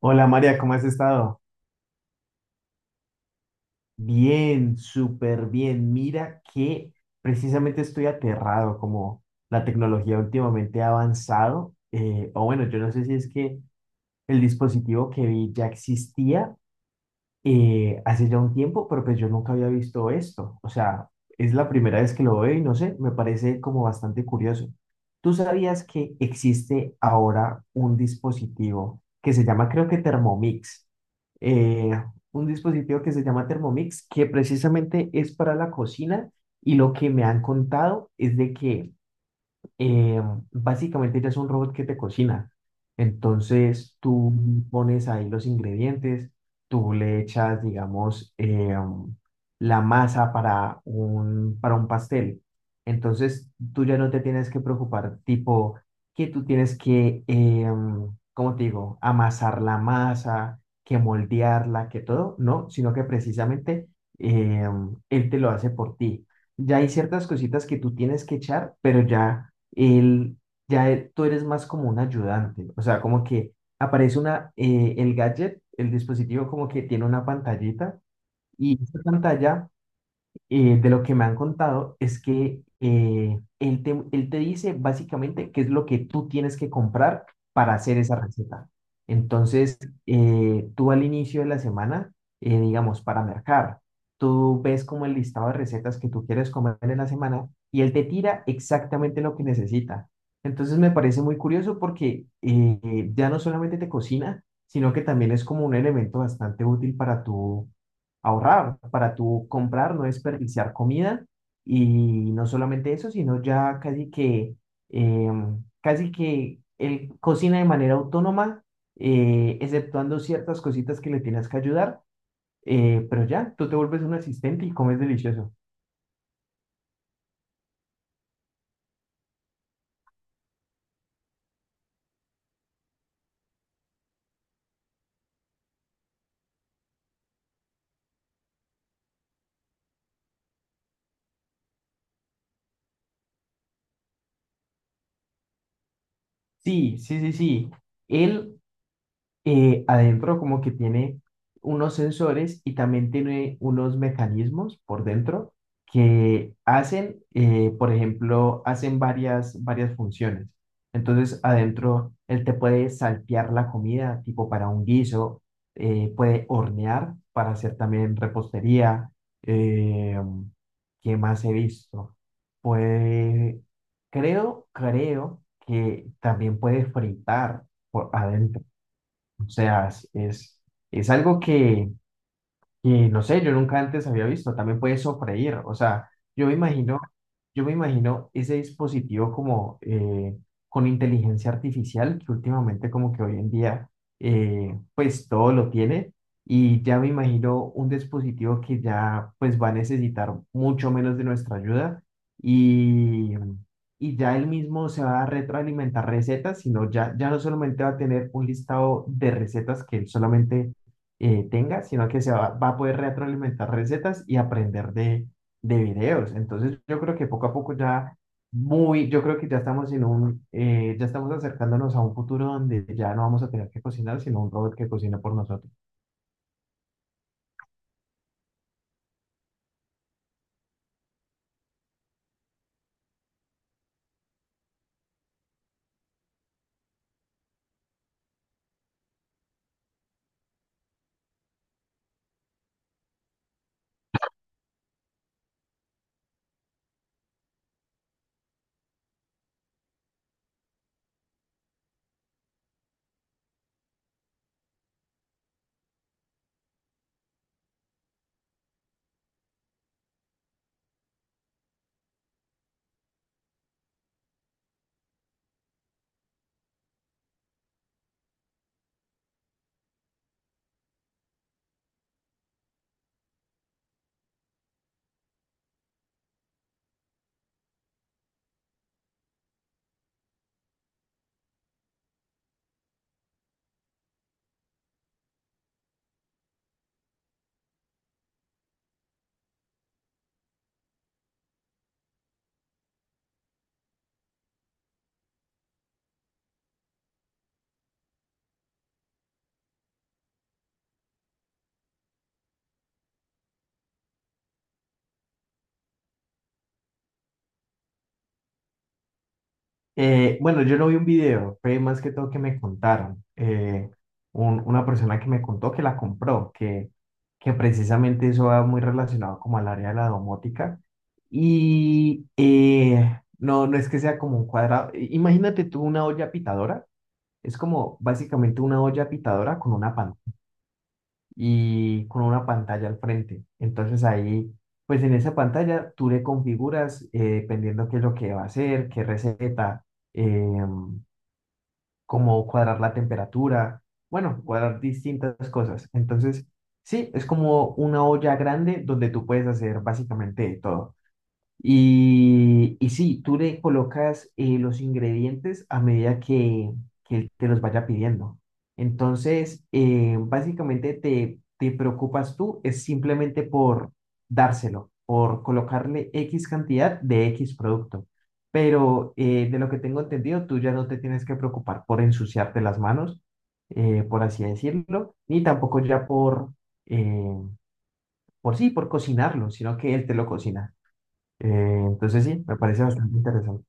Hola María, ¿cómo has estado? Bien, súper bien. Mira que precisamente estoy aterrado como la tecnología últimamente ha avanzado. O bueno, yo no sé si es que el dispositivo que vi ya existía hace ya un tiempo, pero pues yo nunca había visto esto. O sea, es la primera vez que lo veo y no sé, me parece como bastante curioso. ¿Tú sabías que existe ahora un dispositivo que se llama, creo que Thermomix? eh, un dispositivo que se llama Thermomix, que precisamente es para la cocina y lo que me han contado es de que eh, básicamente ya es un robot que te cocina. Entonces tú pones ahí los ingredientes, tú le echas, digamos, la masa para para un pastel. Entonces tú ya no te tienes que preocupar, tipo, que tú tienes que, ¿cómo te digo?, amasar la masa, que moldearla, que todo, no, sino que precisamente eh, él te lo hace por ti. Ya hay ciertas cositas que tú tienes que echar, pero ya él, tú eres más como un ayudante, o sea, como que aparece una, el gadget, el dispositivo como que tiene una pantallita y esa pantalla de lo que me han contado es que él te dice básicamente qué es lo que tú tienes que comprar para hacer esa receta. Entonces, tú al inicio de la semana, digamos, para mercar, tú ves como el listado de recetas que tú quieres comer en la semana y él te tira exactamente lo que necesita. Entonces, me parece muy curioso porque ya no solamente te cocina, sino que también es como un elemento bastante útil para tu ahorrar, para tú comprar, no desperdiciar comida. Y no solamente eso, sino ya casi que, casi que él cocina de manera autónoma, exceptuando ciertas cositas que le tienes que ayudar. Pero ya, tú te vuelves un asistente y comes delicioso. Sí, sí, sí, sí. Él adentro como que tiene unos sensores y también tiene unos mecanismos por dentro que hacen, por ejemplo, hacen varias funciones. Entonces, adentro él te puede saltear la comida, tipo para un guiso, puede hornear para hacer también repostería. eh, ¿Qué más he visto? Puede, creo que también puede fritar por adentro. O sea, es algo que, y no sé, yo nunca antes había visto, también puede sofreír, o sea, yo me imagino, yo me imagino ese dispositivo como con inteligencia artificial, que últimamente como que hoy en día pues todo lo tiene, y ya me imagino un dispositivo que ya pues va a necesitar mucho menos de nuestra ayuda y, y ya él mismo se va a retroalimentar recetas, sino ya, ya no solamente va a tener un listado de recetas que él solamente tenga, sino que se va, va a poder retroalimentar recetas y aprender de videos. Entonces, yo creo que poco a poco ya muy, yo creo que ya estamos en un, ya estamos acercándonos a un futuro donde ya no vamos a tener que cocinar, sino un robot que cocina por nosotros. Bueno, yo no vi un video, fue más que todo que me contaron. Una persona que me contó que la compró, que precisamente eso va muy relacionado como al área de la domótica. Y no, no es que sea como un cuadrado. Imagínate tú una olla pitadora, es como básicamente una olla pitadora con una pantalla y con una pantalla al frente. Entonces ahí, pues en esa pantalla tú le configuras dependiendo qué es lo que va a hacer, qué receta. em, Como cuadrar la temperatura, bueno, cuadrar distintas cosas. Entonces, sí, es como una olla grande donde tú puedes hacer básicamente de todo. Y sí, tú le colocas los ingredientes a medida que él te los vaya pidiendo. Entonces, básicamente te, te preocupas tú, es simplemente por dárselo, por colocarle X cantidad de X producto. Pero de lo que tengo entendido, tú ya no te tienes que preocupar por ensuciarte las manos, por así decirlo, ni tampoco ya eh, por sí, por cocinarlo, sino que él te lo cocina. Eh, entonces sí, me parece bastante interesante.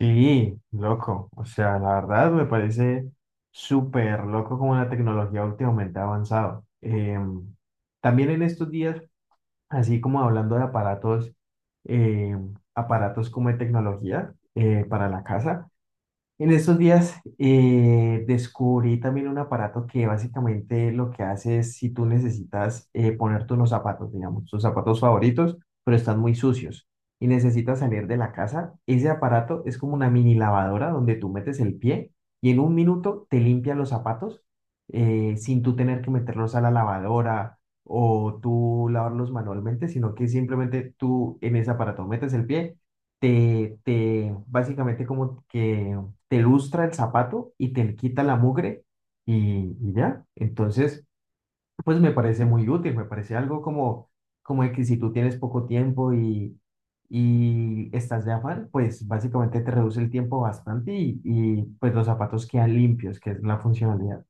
Sí, loco. O sea, la verdad me parece súper loco como la tecnología últimamente ha avanzado. También en estos días, así como hablando de aparatos, eh, aparatos como de tecnología para la casa. En estos días descubrí también un aparato que básicamente lo que hace es si tú necesitas ponerte unos zapatos, digamos, tus zapatos favoritos, pero están muy sucios y necesitas salir de la casa, ese aparato es como una mini lavadora donde tú metes el pie y en un minuto te limpia los zapatos sin tú tener que meterlos a la lavadora o tú lavarlos manualmente, sino que simplemente tú en ese aparato metes el pie te, te básicamente como que te lustra el zapato y te quita la mugre y ya. Entonces, pues me parece muy útil, me parece algo como, como de que si tú tienes poco tiempo y estás de afán, pues básicamente te reduce el tiempo bastante y pues los zapatos quedan limpios, que es la funcionalidad.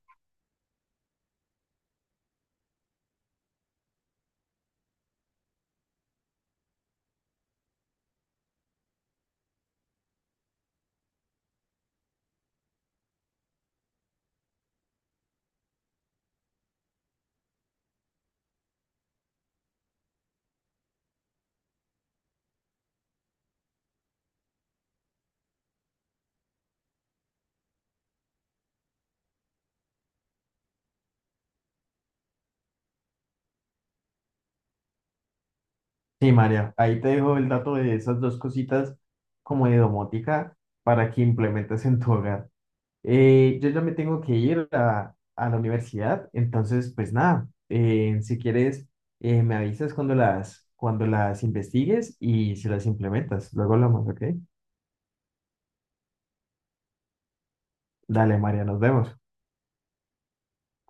Sí, María, ahí te dejo el dato de esas dos cositas como de domótica para que implementes en tu hogar. Yo ya me tengo que ir a la universidad, entonces pues nada, si quieres me avisas cuando las investigues y si las implementas. Luego hablamos, ¿ok? Dale, María, nos vemos.